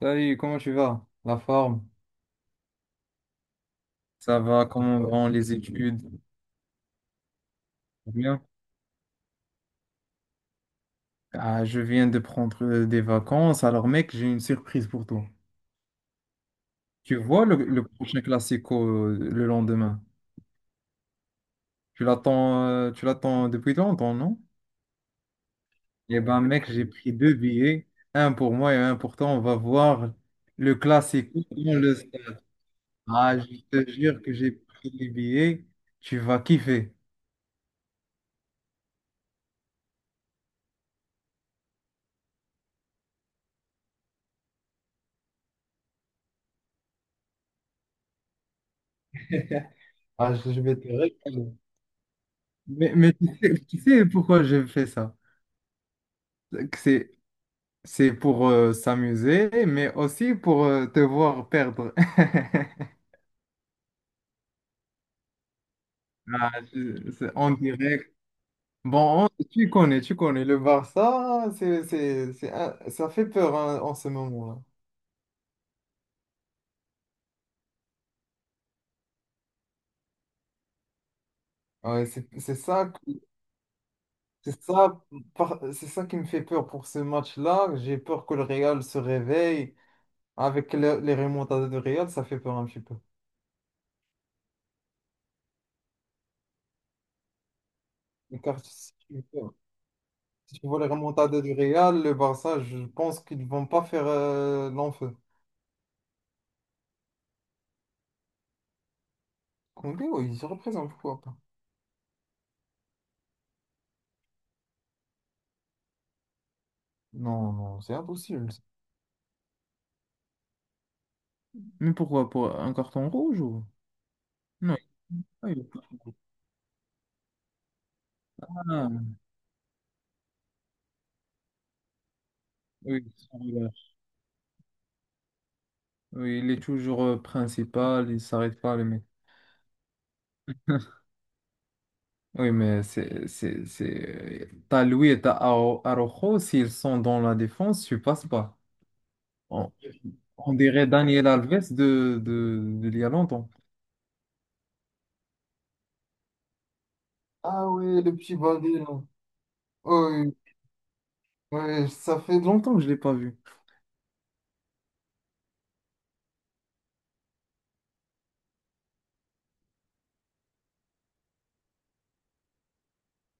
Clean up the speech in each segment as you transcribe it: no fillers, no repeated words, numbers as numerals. Salut, comment tu vas? La forme? Ça va, comment vont les études? Bien. Ah, je viens de prendre des vacances, alors mec, j'ai une surprise pour toi. Tu vois le prochain classico le lendemain? Tu tu l'attends depuis longtemps, non? Eh ben mec, j'ai pris deux billets, un pour moi et un pour toi. On va voir le classico dans le stade. Ah, je te jure que j'ai pris les billets, tu vas kiffer. Ah, je vais te régaler. Mais tu sais pourquoi j'ai fait ça? que C'est, c'est pour s'amuser, mais aussi pour te voir perdre. Ah, c'est en direct. Bon, tu connais, tu connais. Le Barça, c'est ça fait peur hein, en ce moment-là. Ouais, c'est ça, c'est ça, c'est ça qui me fait peur pour ce match-là. J'ai peur que le Real se réveille. Avec les remontades de Real, ça fait peur un petit peu. Car Si tu vois les remontades du Real, le Barça, je pense qu'ils vont pas faire l'enfeu. Koundé, oui, il se représente, pourquoi pas? Non, non, c'est impossible. Mais pourquoi? Pour un carton rouge ou? Non. il- il- Ah, oui, sans relâche. Oui, il est toujours principal, il s'arrête pas, le mec. Oui, mais T'as Louis et t'as Araujo, s'ils sont dans la défense, tu passes pas. On, on dirait Daniel Alves de il y a longtemps. Ah oui, le petit bandit, là. Oui, oui, ça fait longtemps que je ne l'ai pas vu.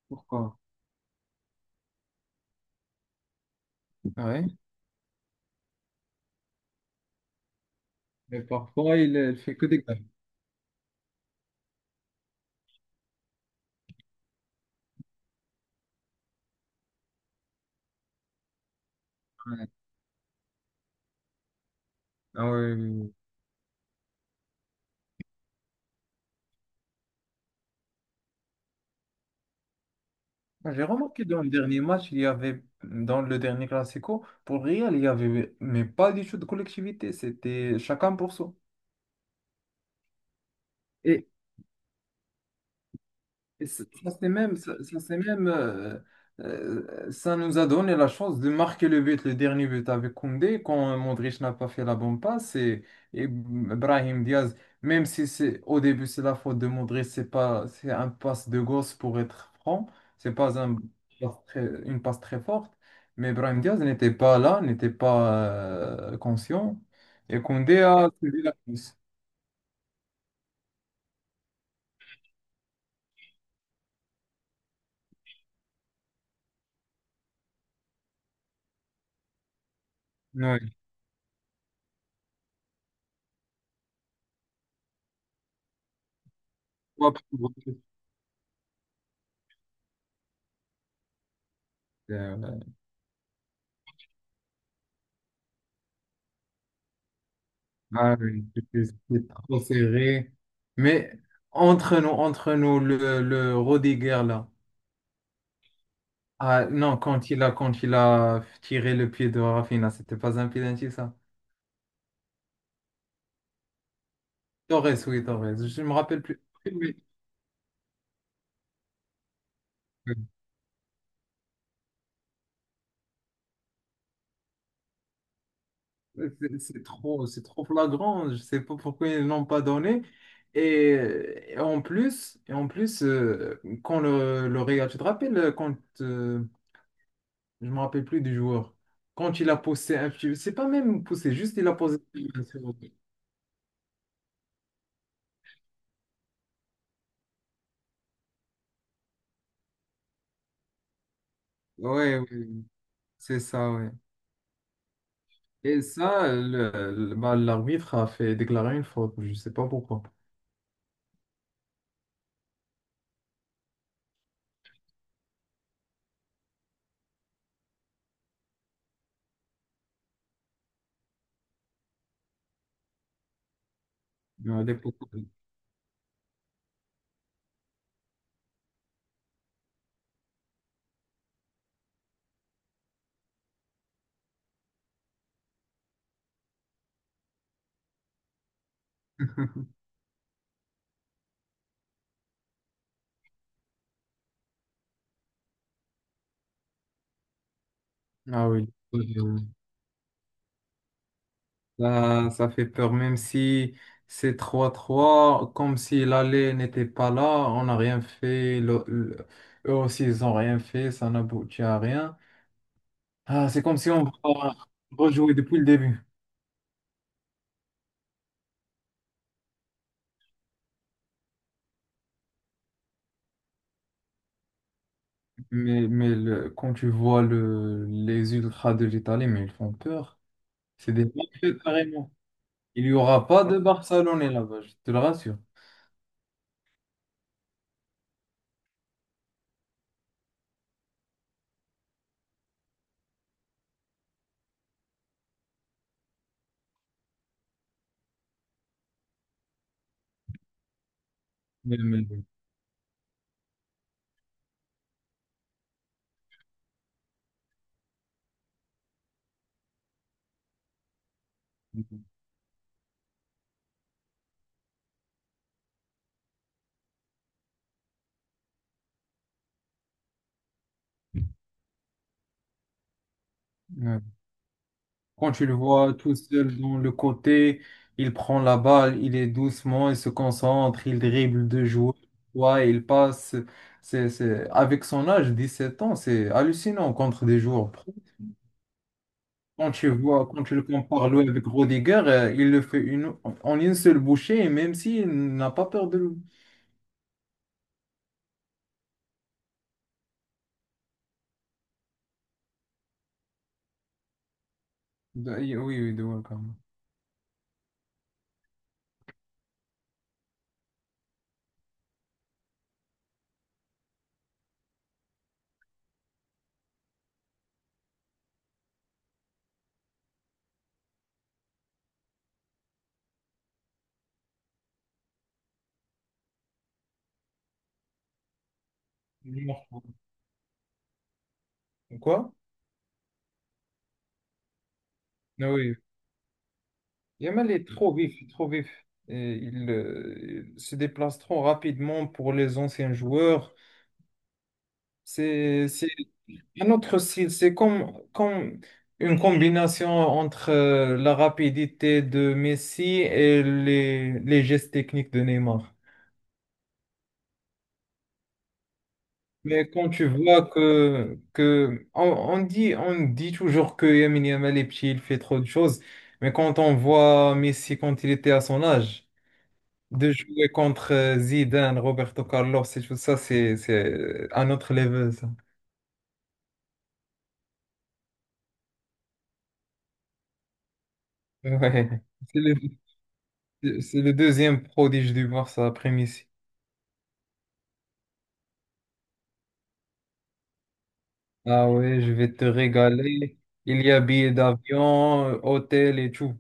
Pourquoi? Ah ouais. Mais parfois, il fait que des gaffes. Ouais. Ah ouais, oui, oui. Ah, j'ai remarqué dans le dernier match, il y avait, dans le dernier Classico, pour le Real, il y avait, mais pas du tout de collectivité, c'était chacun pour soi. Et c'est même, c'est même ça nous a donné la chance de marquer le but, le dernier but avec Koundé, quand Modric n'a pas fait la bonne passe, et Brahim Diaz, même si c'est au début c'est la faute de Modric, c'est pas, c'est un passe de gosse pour être franc, c'est pas un, une passe très forte, mais Brahim Diaz n'était pas là, n'était pas conscient, et Koundé a suivi la course. Oui. Euh, Ah oui, c'était trop serré. Mais entre nous, le Rodiger là. Ah non, quand quand il a tiré le pied de Rafinha, c'était pas un penalty ça. Torres, oui, Torres. Je me rappelle plus. Oui, oui. C'est c'est trop flagrant. Je sais pas pourquoi ils l'ont pas donné. Et en plus, quand le Real, tu te rappelles quand euh, je me rappelle plus du joueur. Quand il a poussé un petit... C'est pas même poussé, juste il a posé... Ouais, ouais, c'est ça, ouais. Et ça, bah, l'arbitre a fait déclarer une faute, je sais pas pourquoi. Mais à l'époque, Ah oui, Euh, ça, ça fait peur, même si c'est 3-3 comme si l'aller n'était pas là, on n'a rien fait, eux aussi ils n'ont rien fait, ça n'aboutit à rien. Ah, c'est comme si on va rejouer depuis le début. Mais quand tu vois les ultras de l'Italie, mais ils font peur. C'est des mafieux carrément. Il n'y aura pas de Barcelonais là-bas, je te le rassure. Mais- mais- ouais. Quand tu le vois tout seul dans le côté, il prend la balle, il est doucement, il se concentre, il dribble deux joueurs, ouais, il passe. C'est... Avec son âge, 17 ans, c'est hallucinant contre des joueurs. Quand tu vois, quand tu le compares lui avec Rodiger, il le fait une, en une seule bouchée, et même s'il n'a pas peur oui, oui, de Welcome. Il marche pas. Quoi? Ah oui. Yamal est trop vif, trop vif. Et il se déplace trop rapidement pour les anciens joueurs. C'est un autre style. C'est comme une combination entre la rapidité de Messi et les gestes techniques de Neymar. Mais quand tu vois que on dit toujours que Lamine Yamal est petit, il fait trop de choses, mais quand on voit Messi quand il était à son âge, de jouer contre Zidane, Roberto Carlos et tout ça, c'est un autre level, ça. Ouais. C'est c'est le deuxième prodige du Barça après Messi. Ah ouais, je vais te régaler. Il y a billets d'avion, hôtel et tout.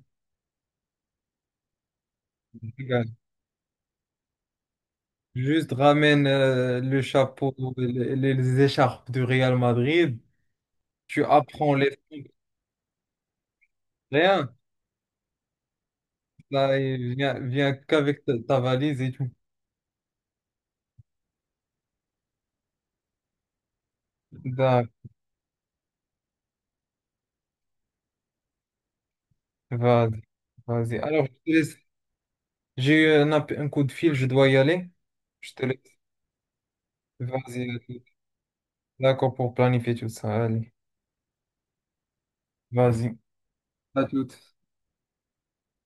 Juste ramène le chapeau, les écharpes du Real Madrid. Tu apprends les trucs, rien. Là, et viens, viens qu'avec ta valise et tout. D'accord, vas-y. Vas-y. Alors, je te laisse. J'ai eu un, un coup de fil, je dois y aller. Je te laisse. Vas-y. À toute. D'accord pour planifier tout ça. Allez, vas-y. À toute.